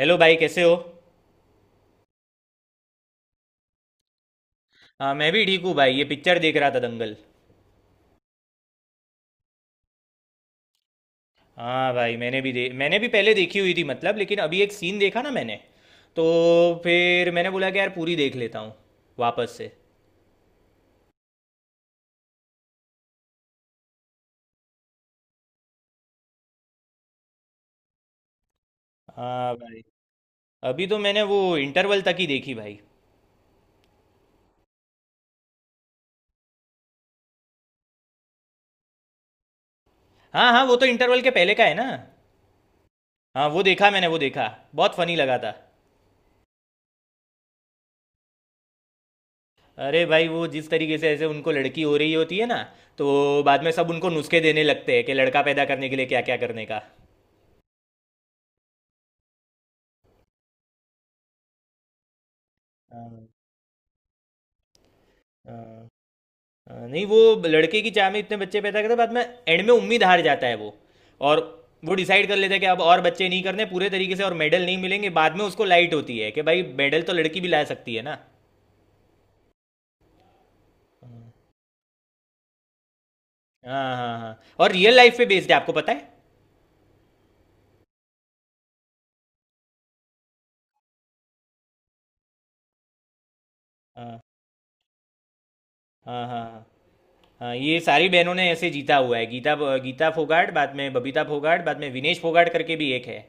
Hello भाई, कैसे हो। हाँ, मैं भी ठीक हूँ भाई। ये पिक्चर देख रहा था, दंगल। हाँ भाई, मैंने भी पहले देखी हुई थी मतलब। लेकिन अभी एक सीन देखा ना मैंने, तो फिर मैंने बोला कि यार पूरी देख लेता हूँ वापस से। हाँ भाई, अभी तो मैंने वो इंटरवल तक ही देखी भाई। हाँ हाँ, वो तो इंटरवल के पहले का है ना। हाँ, वो देखा मैंने, वो देखा। बहुत फनी लगा था। अरे भाई, वो जिस तरीके से ऐसे उनको लड़की हो रही होती है ना, तो बाद में सब उनको नुस्खे देने लगते हैं कि लड़का पैदा करने के लिए क्या क्या करने का। हाँ, हाँ। हाँ, नहीं वो लड़के की चाह में इतने बच्चे पैदा करते बाद में, एंड में उम्मीद हार जाता है वो। और वो डिसाइड कर लेता है कि अब और बच्चे नहीं करने पूरे तरीके से और मेडल नहीं मिलेंगे। बाद में उसको लाइट होती है कि भाई मेडल तो लड़की भी ला सकती है ना। हाँ हाँ हाँ, और रियल लाइफ पे बेस्ड है। आपको पता है। हाँ हाँ हाँ हाँ हाँ, ये सारी बहनों ने ऐसे जीता हुआ है। गीता, गीता फोगाट, बाद में बबीता फोगाट, बाद में विनेश फोगाट करके भी एक है।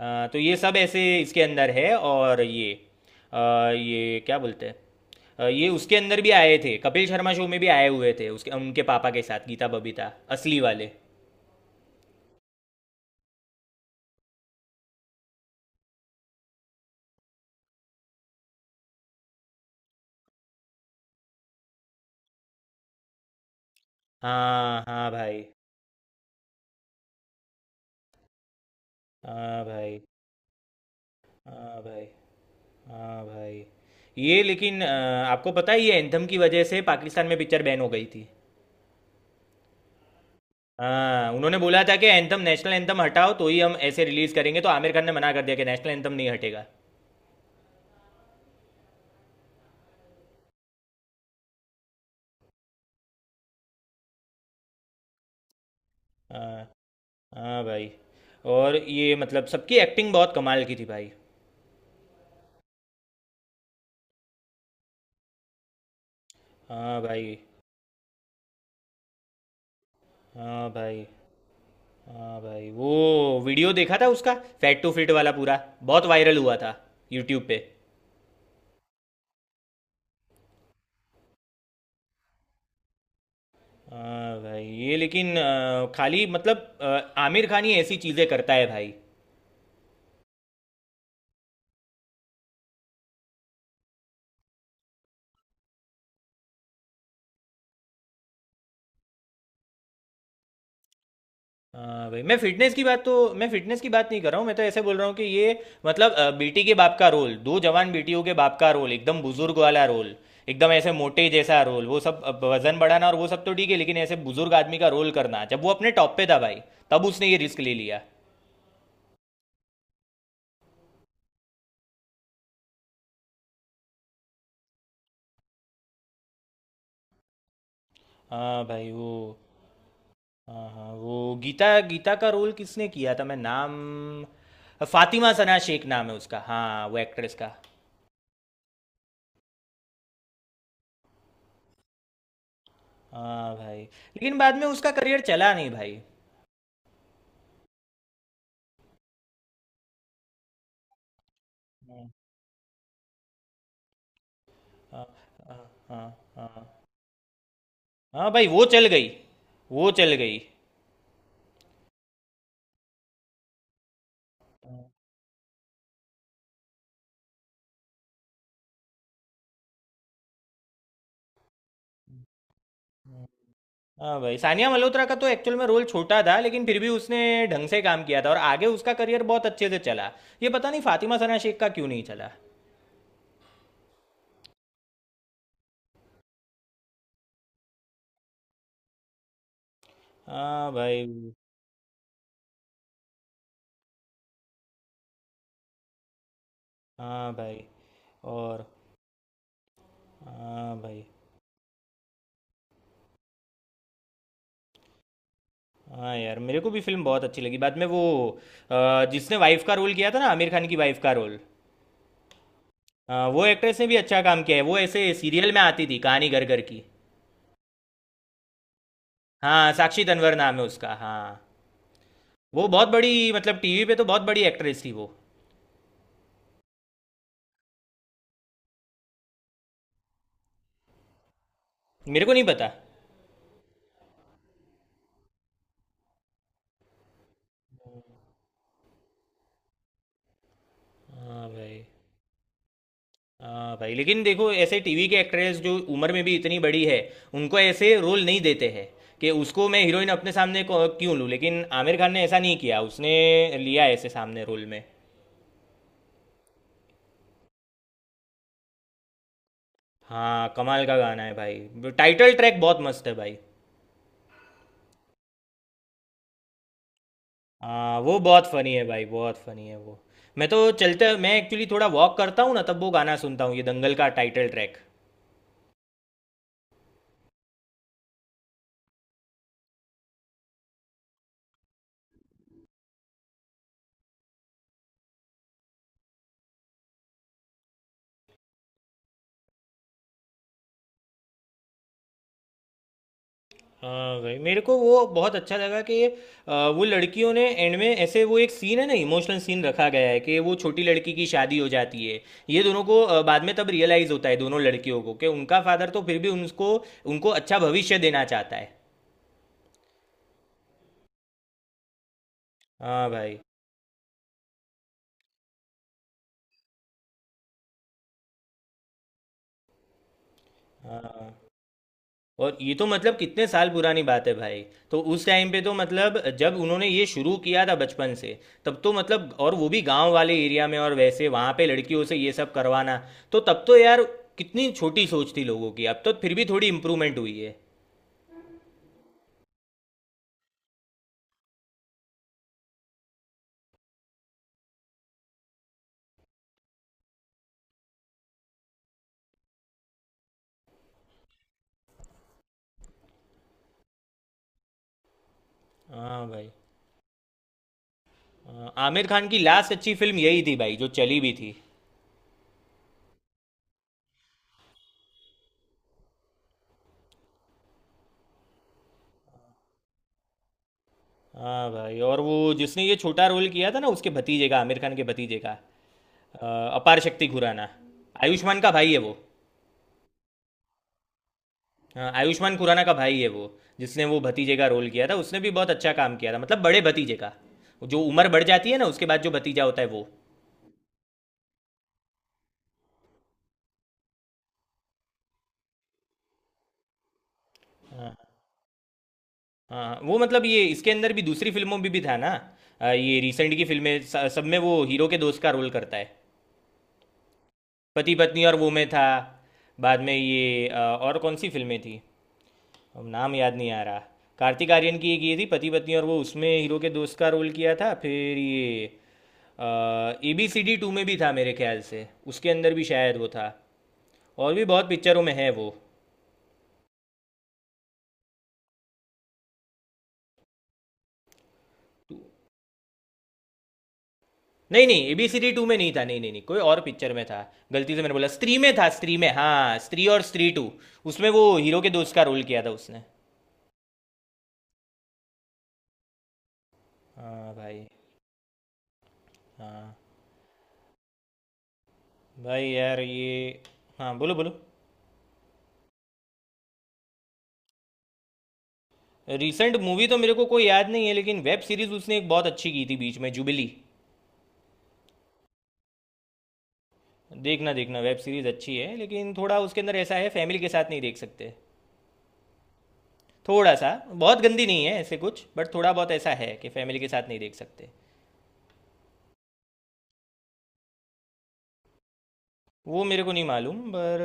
हाँ, तो ये सब ऐसे इसके अंदर है। और ये अ, ये क्या बोलते हैं, ये उसके अंदर भी आए थे। कपिल शर्मा शो में भी आए हुए थे उसके उनके पापा के साथ, गीता बबीता, असली वाले। हाँ हाँ भाई। हाँ भाई। हाँ भाई। हाँ भाई, ये लेकिन आपको पता है, ये एंथम की वजह से पाकिस्तान में पिक्चर बैन हो गई थी। हाँ, उन्होंने बोला था कि एंथम नेशनल एंथम हटाओ तो ही हम ऐसे रिलीज करेंगे। तो आमिर खान ने मना कर दिया कि नेशनल एंथम नहीं हटेगा। हाँ हाँ भाई। और ये मतलब सबकी एक्टिंग बहुत कमाल की थी भाई। हाँ भाई। हाँ भाई। हाँ भाई, वो वीडियो देखा था उसका, फैट टू फिट वाला पूरा। बहुत वायरल हुआ था यूट्यूब पे। हाँ भाई, ये लेकिन खाली मतलब आमिर खान ही ऐसी चीज़ें करता है भाई। हाँ भाई, मैं फिटनेस की बात नहीं कर रहा हूँ। मैं तो ऐसे बोल रहा हूँ कि ये मतलब बेटी के बाप का रोल, दो जवान बेटियों के बाप का रोल, एकदम बुजुर्ग वाला रोल, एकदम ऐसे मोटे जैसा रोल, वो सब वजन बढ़ाना और वो सब तो ठीक है। लेकिन ऐसे बुजुर्ग आदमी का रोल करना जब वो अपने टॉप पे था भाई, तब उसने ये रिस्क ले लिया। हाँ भाई वो। हाँ हाँ, वो गीता गीता का रोल किसने किया था, मैं नाम। फातिमा सना शेख नाम है उसका हाँ, वो एक्ट्रेस का। हाँ भाई, लेकिन बाद में उसका करियर चला नहीं भाई। हाँ हाँ हाँ हाँ, हाँ भाई, वो चल गई, वो चल गई। हाँ भाई, सानिया मल्होत्रा का तो एक्चुअल में रोल छोटा था, लेकिन फिर भी उसने ढंग से काम किया था और आगे उसका करियर बहुत अच्छे से चला। ये पता नहीं फातिमा सना शेख का क्यों नहीं चला। हाँ भाई। हाँ भाई। और हाँ भाई। हाँ यार, मेरे को भी फिल्म बहुत अच्छी लगी। बाद में वो जिसने वाइफ का रोल किया था ना, आमिर खान की वाइफ का रोल, वो एक्ट्रेस ने भी अच्छा काम किया है। वो ऐसे सीरियल में आती थी, कहानी घर घर की। हाँ, साक्षी तन्वर नाम है उसका हाँ। वो बहुत बड़ी, मतलब टीवी पे तो बहुत बड़ी एक्ट्रेस थी वो। मेरे को नहीं पता। हाँ भाई। हाँ भाई, लेकिन देखो ऐसे टीवी के एक्ट्रेस जो उम्र में भी इतनी बड़ी है, उनको ऐसे रोल नहीं देते हैं कि उसको मैं हीरोइन अपने सामने क्यों लूँ। लेकिन आमिर खान ने ऐसा नहीं किया, उसने लिया ऐसे सामने रोल में। हाँ, कमाल का गाना है भाई, टाइटल ट्रैक। बहुत मस्त है भाई। हाँ, वो बहुत फनी है भाई, बहुत फनी है वो। मैं तो चलते मैं एक्चुअली थोड़ा वॉक करता हूँ ना, तब वो गाना सुनता हूँ, ये दंगल का टाइटल ट्रैक। हाँ भाई, मेरे को वो बहुत अच्छा लगा कि वो लड़कियों ने एंड में ऐसे, वो एक सीन है ना, इमोशनल सीन रखा गया है, कि वो छोटी लड़की की शादी हो जाती है। ये दोनों को बाद में तब रियलाइज़ होता है दोनों लड़कियों को कि उनका फादर तो फिर भी उनको उनको अच्छा भविष्य देना चाहता है। हाँ भाई। हाँ, और ये तो मतलब कितने साल पुरानी बात है भाई। तो उस टाइम पे तो मतलब जब उन्होंने ये शुरू किया था बचपन से, तब तो मतलब, और वो भी गांव वाले एरिया में, और वैसे वहाँ पे लड़कियों से ये सब करवाना, तो तब तो यार, कितनी छोटी सोच थी लोगों की। अब तो फिर भी थोड़ी इम्प्रूवमेंट हुई है। हाँ भाई। हाँ, आमिर खान की लास्ट अच्छी फिल्म यही थी भाई, जो चली भी थी। हाँ भाई, और वो जिसने ये छोटा रोल किया था ना, उसके भतीजे का, आमिर खान के भतीजे का, अ, अपार शक्ति खुराना, आयुष्मान का भाई है वो। हाँ, आयुष्मान खुराना का भाई है वो। जिसने वो भतीजे का रोल किया था, उसने भी बहुत अच्छा काम किया था, मतलब बड़े भतीजे का, जो उम्र बढ़ जाती है ना उसके बाद जो भतीजा होता है वो। हाँ हाँ, वो मतलब ये इसके अंदर भी, दूसरी फिल्मों में भी था ना, ये रिसेंट की फिल्में सब में वो हीरो के दोस्त का रोल करता है। पति पत्नी और वो में था। बाद में ये और कौन सी फिल्में थी, अब नाम याद नहीं आ रहा। कार्तिक आर्यन की एक ये थी, पति पत्नी और वो, उसमें हीरो के दोस्त का रोल किया था। फिर ये ABCD 2 में भी था मेरे ख्याल से, उसके अंदर भी शायद वो था। और भी बहुत पिक्चरों में है वो। नहीं नहीं, ABCD 2 में नहीं था। नहीं नहीं नहीं, कोई और पिक्चर में था। गलती से मैंने बोला। स्त्री में था, स्त्री में। हाँ, स्त्री और स्त्री 2, उसमें वो हीरो के दोस्त का रोल किया था उसने। हाँ भाई। हाँ भाई यार ये। हाँ, बोलो बोलो। रिसेंट मूवी तो मेरे को कोई याद नहीं है, लेकिन वेब सीरीज उसने एक बहुत अच्छी की थी बीच में, जुबिली। देखना देखना, वेब सीरीज अच्छी है, लेकिन थोड़ा उसके अंदर ऐसा है, फैमिली के साथ नहीं देख सकते। थोड़ा सा, बहुत गंदी नहीं है ऐसे कुछ, बट थोड़ा बहुत ऐसा है कि फैमिली के साथ नहीं देख सकते। वो मेरे को नहीं मालूम, पर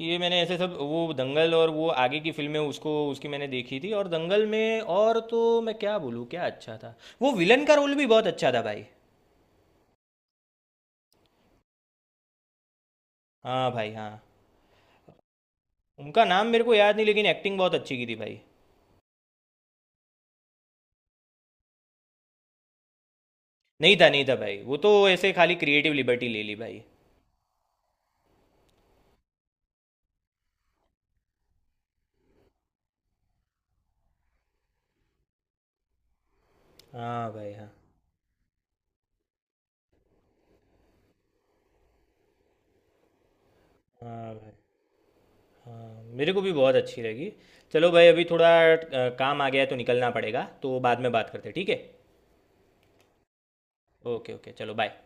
ये मैंने ऐसे सब, वो दंगल और वो आगे की फिल्में उसको उसकी मैंने देखी थी। और दंगल में, और तो मैं क्या बोलूँ क्या अच्छा था। वो विलन का रोल भी बहुत अच्छा था भाई। हाँ भाई। हाँ, उनका नाम मेरे को याद नहीं लेकिन एक्टिंग बहुत अच्छी की थी भाई। नहीं था, नहीं था भाई। वो तो ऐसे खाली क्रिएटिव लिबर्टी ले ली भाई। हाँ भाई। हाँ हाँ भाई। हाँ, मेरे को भी बहुत अच्छी लगी। चलो भाई, अभी थोड़ा काम आ गया है, तो निकलना पड़ेगा। तो बाद में बात करते हैं, ठीक है। ओके ओके, चलो बाय।